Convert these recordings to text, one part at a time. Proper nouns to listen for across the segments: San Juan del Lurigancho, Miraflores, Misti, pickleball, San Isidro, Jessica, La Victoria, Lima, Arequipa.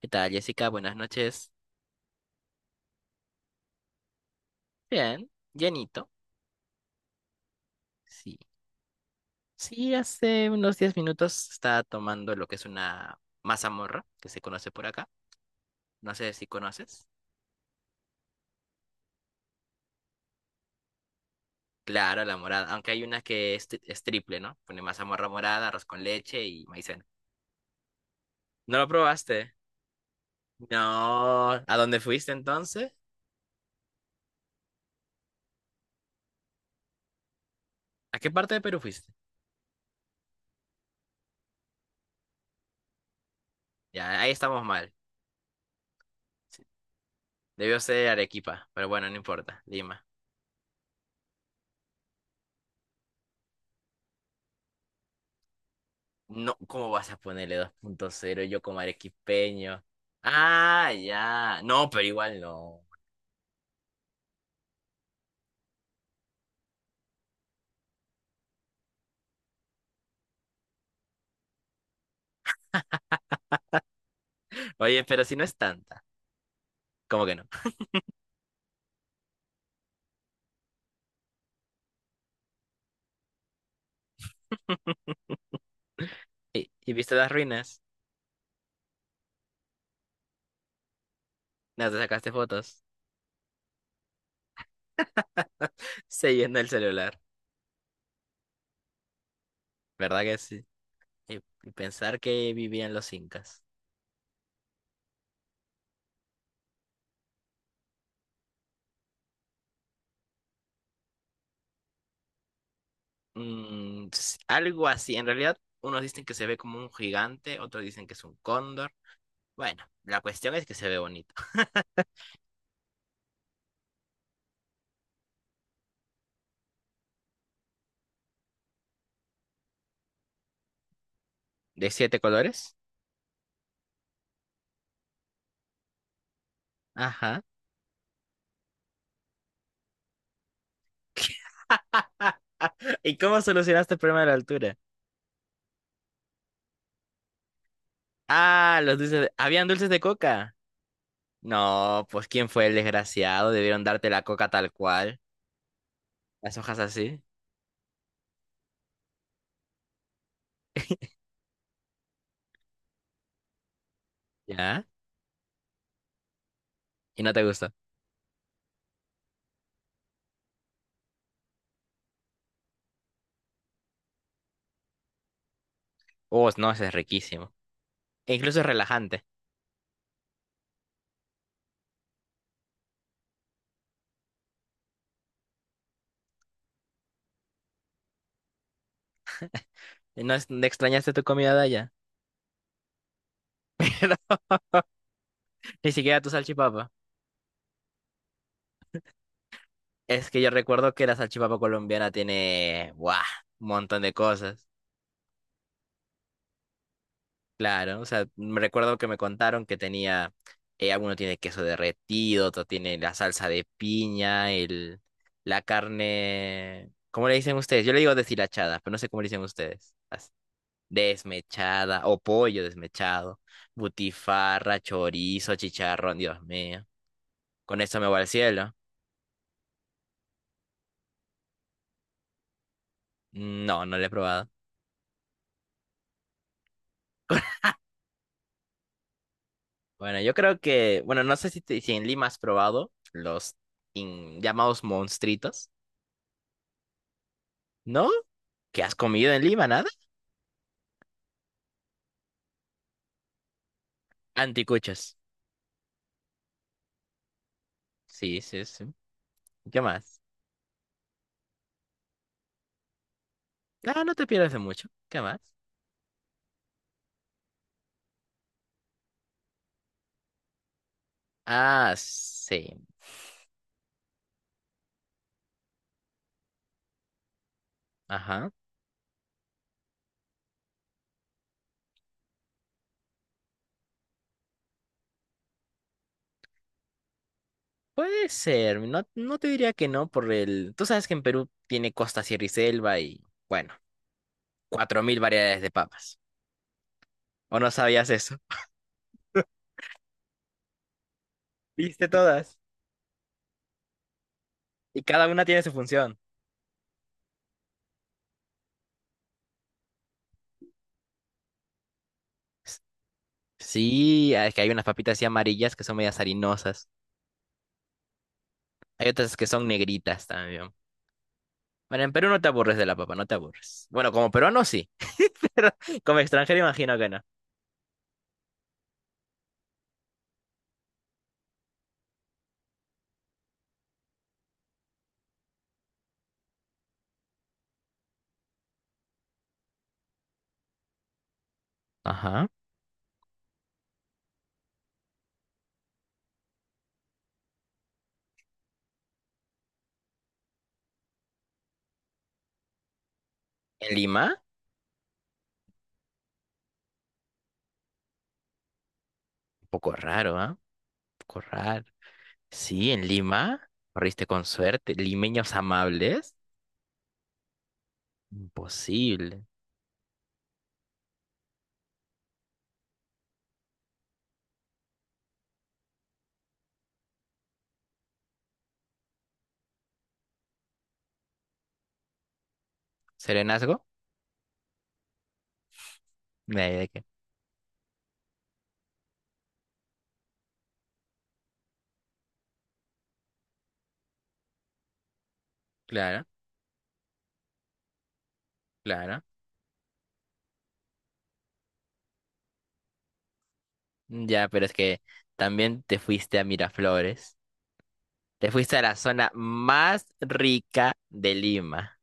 ¿Qué tal, Jessica? Buenas noches. Bien, llenito. Sí. Sí, hace unos 10 minutos estaba tomando lo que es una mazamorra que se conoce por acá. No sé si conoces. Claro, la morada. Aunque hay una que es, es triple, ¿no? Pone mazamorra morada, arroz con leche y maicena. ¿No lo probaste? No. ¿A dónde fuiste entonces? ¿A qué parte de Perú fuiste? Ya, ahí estamos mal. Sí. Debió ser Arequipa, pero bueno, no importa. Lima. No, ¿cómo vas a ponerle 2.0 yo como arequipeño? Ah, ya. No, pero igual no. Oye, pero si no es tanta. ¿Cómo que no? ¿Y viste las ruinas? ¿No te sacaste fotos? Se llena el celular. ¿Verdad que sí? Y, y pensar que vivían los incas. Algo así. En realidad, unos dicen que se ve como un gigante, otros dicen que es un cóndor. Bueno, la cuestión es que se ve bonito. ¿De siete colores? Ajá. ¿Y cómo solucionaste el problema de la altura? Ah, los ¿Habían dulces de coca? No, pues ¿quién fue el desgraciado? Debieron darte la coca tal cual, las hojas así, ¿ya? Y no te gusta. Oh, no, ese es riquísimo. E incluso es relajante. ¿No extrañaste tu comida de allá? Ni siquiera tu salchipapa. Es que yo recuerdo que la salchipapa colombiana tiene, ¡buah! Un montón de cosas. Claro, o sea, me recuerdo que me contaron que tenía, alguno tiene queso derretido, otro tiene la salsa de piña, el, la carne, ¿cómo le dicen ustedes? Yo le digo deshilachada, pero no sé cómo le dicen ustedes. Desmechada o pollo desmechado, butifarra, chorizo, chicharrón, Dios mío. ¿Con esto me voy al cielo? No, no lo he probado. Bueno, yo creo que, bueno, no sé si, si en Lima has probado los llamados monstritos, ¿no? ¿Qué has comido en Lima? Nada. Anticuchos. Sí, sí, sí. ¿Qué más? Ah, no te pierdas de mucho. ¿Qué más? Ah, sí. Ajá. Puede ser. No, no te diría que no por el... Tú sabes que en Perú tiene costa, sierra y selva y, bueno, 4.000 variedades de papas. ¿O no sabías eso? Viste todas. Y cada una tiene su función. S- Sí, ah, es que hay unas papitas así amarillas que son medias harinosas. Hay otras que son negritas también. Bueno, en Perú no te aburres de la papa, no te aburres. Bueno, como peruano sí, pero como extranjero imagino que no. Ajá. ¿En Lima? Un poco raro, ¿ah? Un poco raro. Sí, en Lima. Corriste con suerte. Limeños amables. Imposible. ¿Serenazgo? Ni idea de qué. Claro, claro. Ya, pero es que también te fuiste a Miraflores. Te fuiste a la zona más rica de Lima.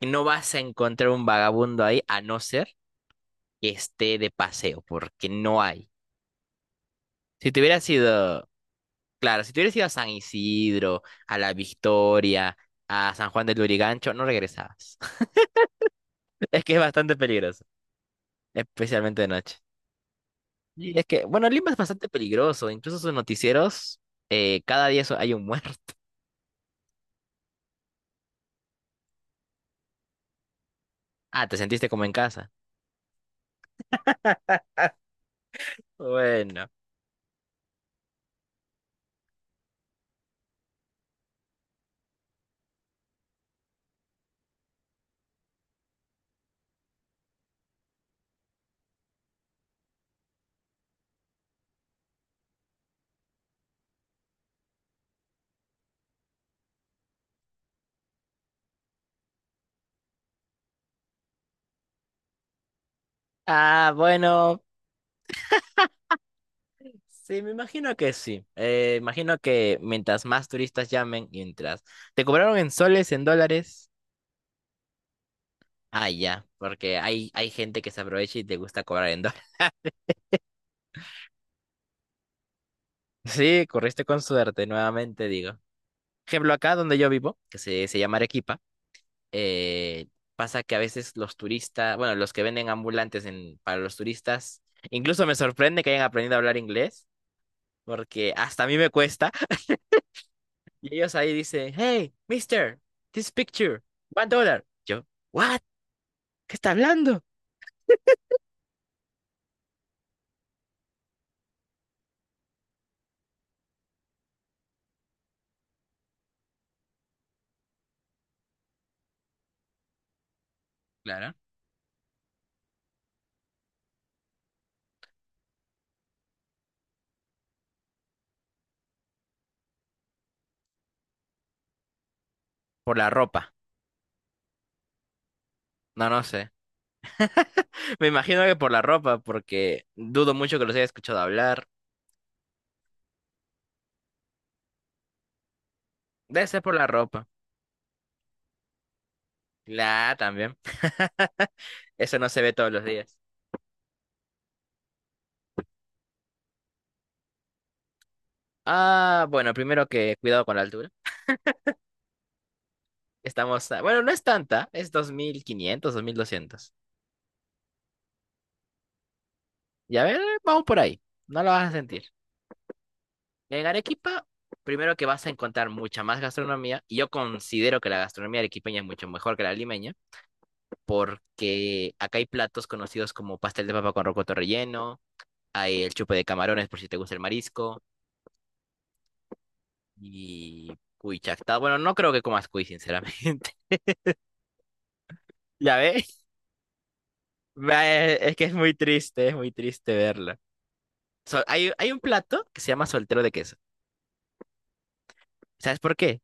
Y no vas a encontrar un vagabundo ahí, a no ser que esté de paseo, porque no hay. Si te hubieras ido, claro, si te hubieras ido a San Isidro, a La Victoria, a San Juan del Lurigancho, no regresabas. Es que es bastante peligroso, especialmente de noche. Y es que, bueno, Lima es bastante peligroso, incluso sus noticieros, cada día hay un muerto. Ah, ¿te sentiste como en casa? Bueno. Ah, bueno, sí, me imagino que sí. Imagino que mientras más turistas llamen, mientras... ¿Te cobraron en soles, en dólares? Ah, ya, porque hay gente que se aprovecha y te gusta cobrar en dólares. Sí, corriste con suerte, nuevamente digo. Ejemplo, acá donde yo vivo, que se llama Arequipa, eh, pasa que a veces los turistas, bueno, los que venden ambulantes en, para los turistas, incluso me sorprende que hayan aprendido a hablar inglés, porque hasta a mí me cuesta. Y ellos ahí dicen, hey, mister, this picture, one dollar. Yo, what? ¿Qué está hablando? Claro. Por la ropa. No, no sé. Me imagino que por la ropa, porque dudo mucho que los haya escuchado hablar. Debe ser por la ropa. La A también. Eso no se ve todos los días. Ah, bueno, primero que cuidado con la altura. Estamos, bueno, no es tanta, es 2.500, 2.200. Y a ver, vamos por ahí. No lo vas a sentir. En Arequipa, primero que vas a encontrar mucha más gastronomía. Y yo considero que la gastronomía arequipeña es mucho mejor que la limeña, porque acá hay platos conocidos como pastel de papa con rocoto relleno. Hay el chupe de camarones por si te gusta el marisco. Y cuy chactado. Bueno, no creo que comas cuy, sinceramente. ¿Ya ves? Ve, es que es muy triste verla. Hay un plato que se llama soltero de queso. ¿Sabes por qué?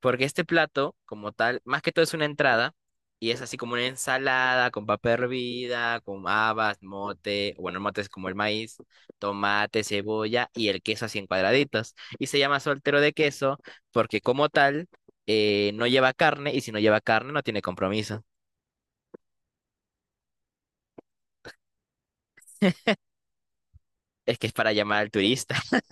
Porque este plato, como tal, más que todo es una entrada y es así como una ensalada con papa hervida, con habas, mote, bueno, el mote es como el maíz, tomate, cebolla y el queso así en cuadraditos. Y se llama soltero de queso porque como tal no lleva carne y si no lleva carne no tiene compromiso. Es que es para llamar al turista.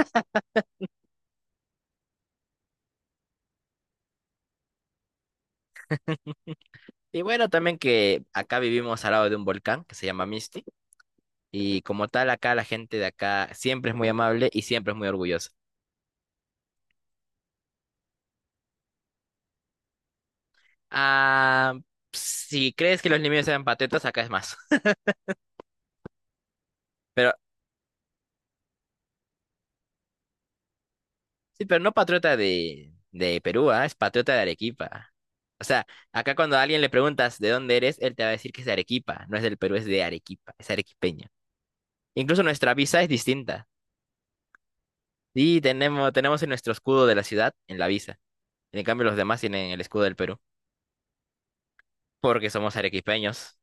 Y bueno, también que acá vivimos al lado de un volcán que se llama Misti y como tal acá la gente de acá siempre es muy amable y siempre es muy orgullosa. Ah, si crees que los limeños eran patriotas, acá es más. Pero sí, pero no patriota de, Perú, ah, es patriota de Arequipa. O sea, acá cuando a alguien le preguntas de dónde eres, él te va a decir que es de Arequipa. No es del Perú, es de Arequipa, es arequipeño. Incluso nuestra visa es distinta. Sí, tenemos, tenemos en nuestro escudo de la ciudad, en la visa. En cambio, los demás tienen el escudo del Perú, porque somos arequipeños.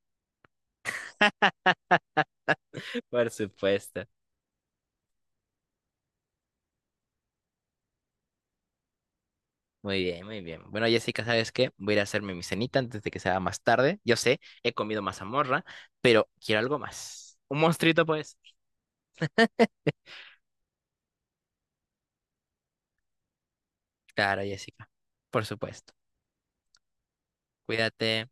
Por supuesto. Muy bien, muy bien. Bueno, Jessica, ¿sabes qué? Voy a ir a hacerme mi cenita antes de que sea más tarde. Yo sé, he comido mazamorra, pero quiero algo más. Un monstruito, pues. Claro, Jessica. Por supuesto. Cuídate.